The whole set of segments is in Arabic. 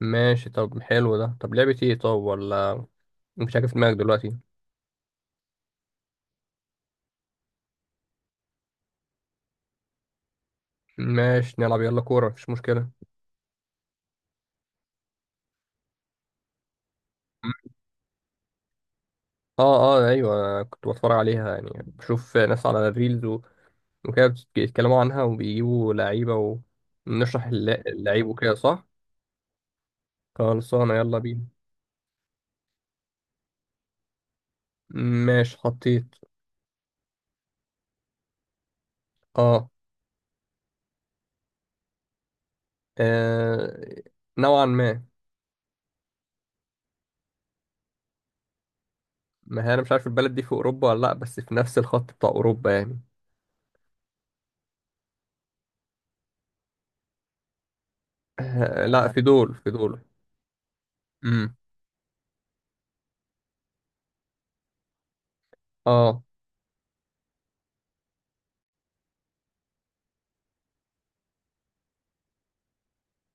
ماشي، طب حلو ده، طب لعبة ايه؟ طب ولا مش عارف دماغك دلوقتي. ماشي، نلعب يلا كورة، مفيش مشكلة. اه، اه، ايوه، كنت بتفرج عليها، يعني بشوف ناس على الريلز وكده بيتكلموا عنها وبيجيبوا لعيبة ونشرح اللعيب وكده، صح؟ خلصانة، يلا بينا. ماشي، حطيت. اه. آه، نوعا ما. ما هي انا مش عارف البلد دي في اوروبا ولا لا، بس في نفس الخط بتاع اوروبا يعني. آه لا، في دول، في دول. امم، اه.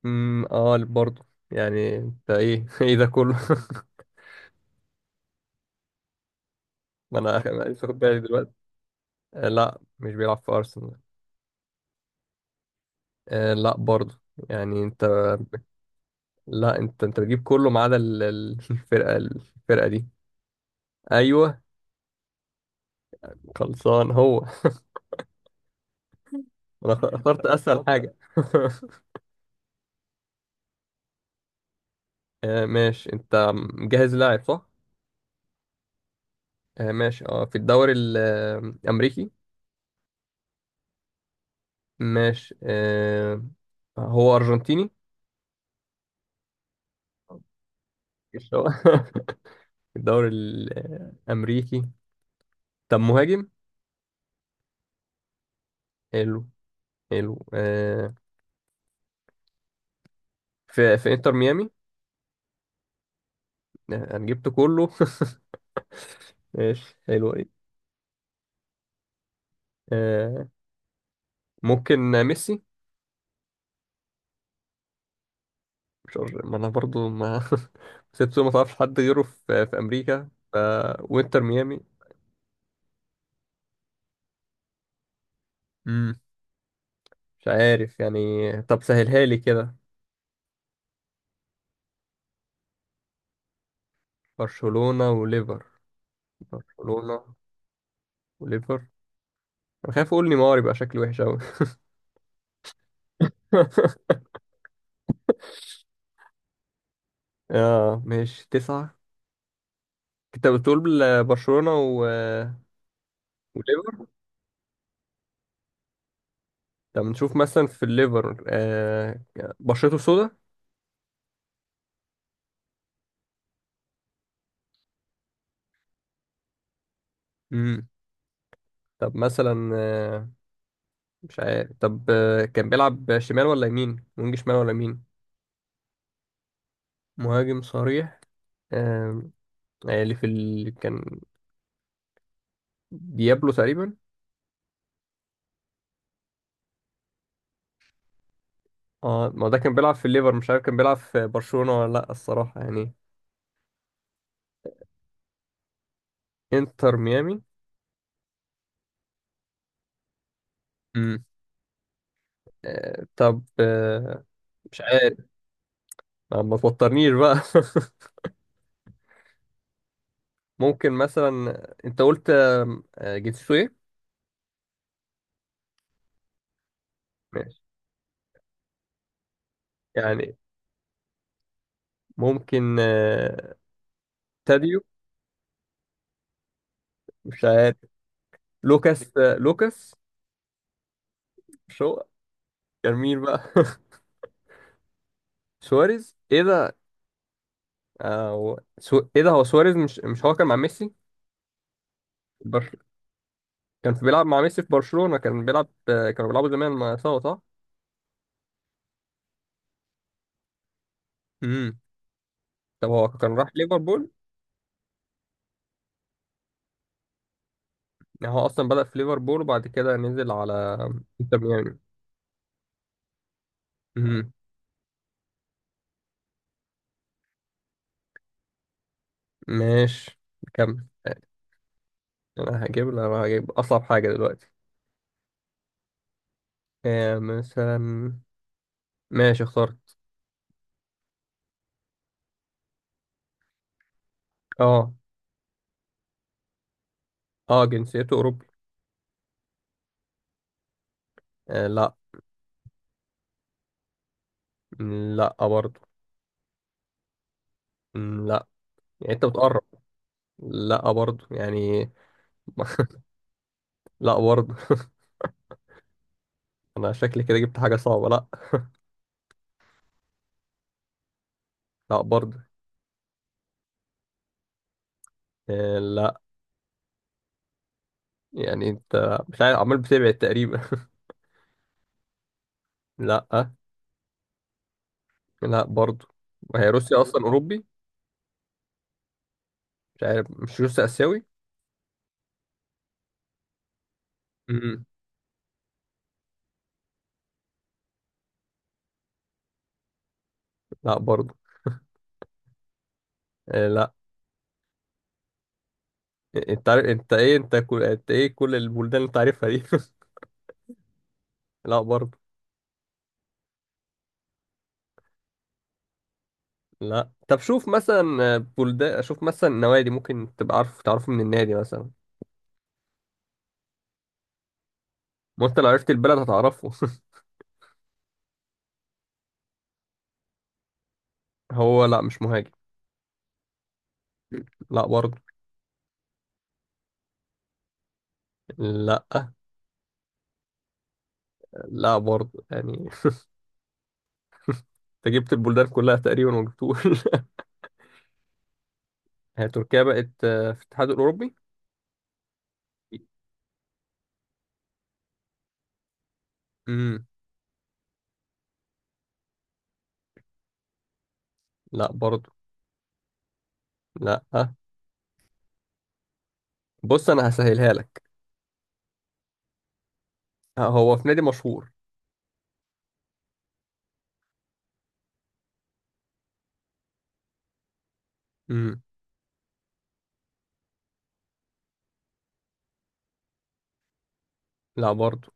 امم، اه، برضه يعني انت ايه؟ ايه ده كله؟ ما انا لسه واخد بالي دلوقتي. آه لا، مش بيلعب في ارسنال. آه لا برضه، يعني انت. لا، انت بتجيب كله ما عدا الفرقه دي. ايوه، خلصان هو. انا اخترت اسهل حاجه. آه ماشي، انت مجهز لاعب، صح؟ آه ماشي، اه، في الدوري الامريكي. ماشي، آه. هو ارجنتيني؟ مش هو. في الدوري الامريكي. طب مهاجم؟ حلو. حلو، آه. في انتر ميامي؟ آه، انا جبت كله. ماشي، حلو، ايه؟ آه، ممكن ميسي؟ مش عارف- ما انا برضو ما. سيبته ما تعرفش حد غيره في امريكا وانتر ميامي. مم. مش عارف يعني، طب سهلها لي كده. برشلونة وليفر؟ برشلونة وليفر. انا خايف اقول نيمار، يبقى شكله وحش قوي. اه ماشي، 9. كنت بتقول. برشلونة و... آه، وليفر. طب نشوف مثلا في الليفر، آه. بشرته سودا. امم. طب مثلا، آه. مش عارف طب، آه، كان بيلعب شمال ولا يمين؟ وينج شمال ولا يمين؟ مهاجم صريح؟ آه. آه، اللي في كان ديابلو تقريبا. اه، ما ده كان بيلعب في الليفر، مش عارف كان بيلعب في برشلونة ولا لا، الصراحة يعني. انتر ميامي. امم. آه، طب، آه. مش عارف. ما توترنيش بقى. ممكن مثلا انت قلت جنسيته ايه؟ ماشي. يعني ممكن تاديو؟ مش عارف. لوكاس. شو. كان مين بقى؟ سواريز؟ ايه ده. آه، هو ايه ده، هو سواريز؟ مش هو كان مع ميسي. برش... كان في بيلعب مع ميسي في برشلونة، كانوا بيلعبوا زمان مع سوا، صح؟ امم. طب هو كان راح ليفربول؟ يعني هو اصلا بدأ في ليفربول وبعد كده نزل على انتر ميامي. امم. ماشي، كمل. انا هجيب اصعب حاجة دلوقتي. آه، مثلا. ماشي، اخترت. اه. اه، جنسيته اوروبي. آه لا. لا برضه. لا. يعني انت بتقرب. لا برضه يعني. لا برضه. انا شكلي كده جبت حاجة صعبة، لا. لا برضه. آه لا. يعني انت مش عارف، عمال بتبعد تقريبا. لا. لا برضه. وهي روسيا اصلا اوروبي؟ مش عارف، مش روسيا اسيوي؟ م، لا برضه. آه لا. انت عارف انت ايه، انت كل، انت ايه كل البلدان اللي انت عارفها دي؟ لا برضه. لا، طب شوف مثلا بلدان، شوف مثلا نوادي، ممكن تبقى عارف تعرفه من النادي مثلا. ما انت لو عرفت البلد هتعرفه. هو لا، مش مهاجم. لا برضه. لا. لا برضه يعني. انت جبت البلدان كلها تقريبا وما جبتوش. هي تركيا بقت في الاتحاد الاوروبي؟ امم. لا برضه. لا، بص انا هسهلها لك. آه، هو في نادي مشهور. امم. لا برضه.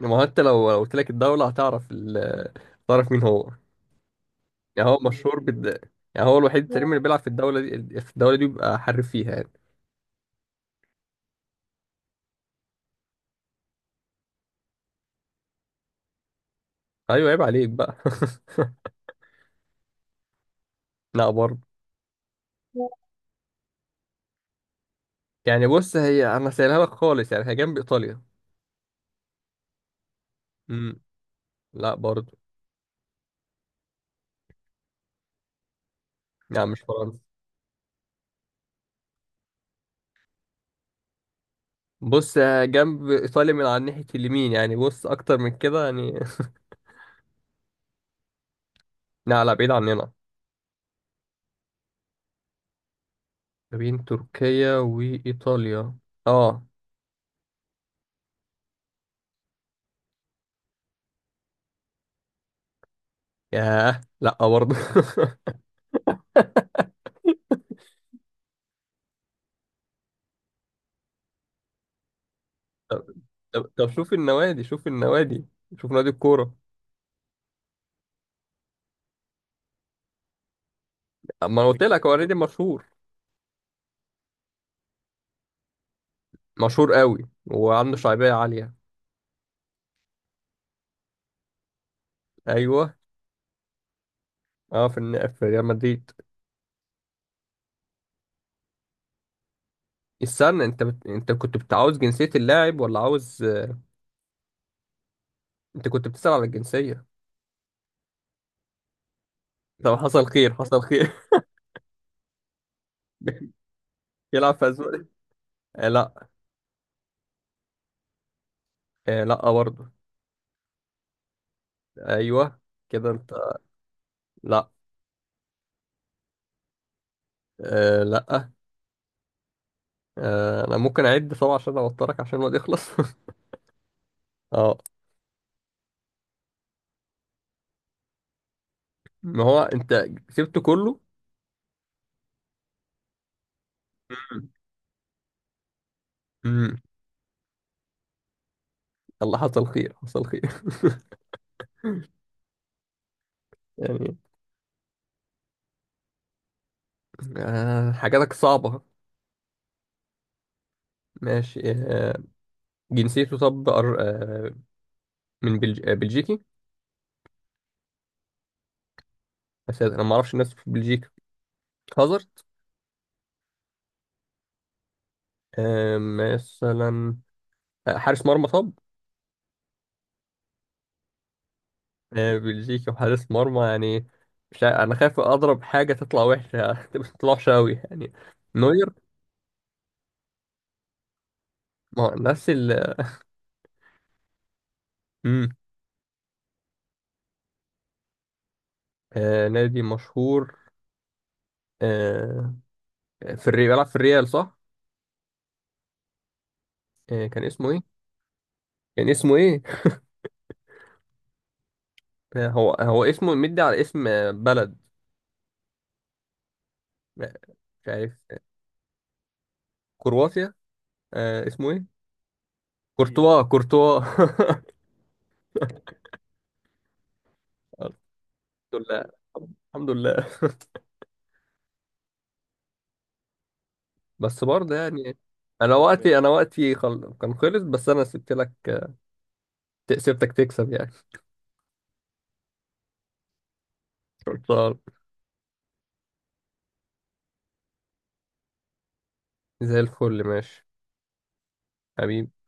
ما هو انت لو قلت لك الدولة هتعرف هتعرف مين هو. يعني هو مشهور يعني هو الوحيد تقريبا، لا اللي بيلعب في الدولة دي، في الدولة دي بيبقى حريف فيها يعني. ايوه، عيب عليك بقى. لا برضه. يعني بص، هي انا سايلها لك خالص، يعني هي جنب ايطاليا. امم. لا برضه. يعني مش فرنسا. بص، آه، جنب ايطاليا من على ناحية اليمين، يعني بص اكتر من كده يعني. لا، لا، بعيد عننا. ما بين تركيا وايطاليا. اه. ياه، لا برضه. طب طب شوف النوادي، شوف النوادي. شوف نادي الكورة. ما انا قلت لك هو نادي مشهور. مشهور قوي. وعنده شعبية عالية. ايوه. اه، في ريال مدريد. استنى، انت كنت بتعاوز جنسية اللاعب ولا عاوز؟ انت كنت بتسأل على الجنسية؟ طب، حصل خير حصل خير. يلعب في اسبانيا. آه لا. آه لا برضه. ايوه. كده انت. لا. آه لا. آه، انا ممكن اعد طبعا عشان اوترك، عشان الوقت يخلص. اه. ما هو انت سبته كله. مم. مم. الله، حصل خير حصل خير. يعني. آه، حاجاتك صعبة. ماشي، آه. جنسيته، طب، آه، بلجيكي. بس انا ما اعرفش الناس في بلجيكا. هازارد. آه، مثلا. آه، حارس مرمى، طب. آه، بلجيكي وحارس مرمى يعني. مش عا- انا خايف اضرب حاجه تطلع وحشه، تطلع وحشه قوي يعني. نوير. ما هو نفس مم. آه، نادي مشهور. آه، في الريال، بيلعب في الريال، صح؟ آه، كان اسمه ايه؟ كان اسمه ايه؟ آه، هو اسمه مدي على اسم بلد. آه، مش عارف. كرواتيا. آه، اسمه ايه؟ كورتوا، كورتوا. الحمد لله. الحمد لله. بس برضه يعني. انا وقتي كان خلص بس انا سبت لك. سبتك تكسب يعني. كورتوا. زي الفل، ماشي. حبيبي.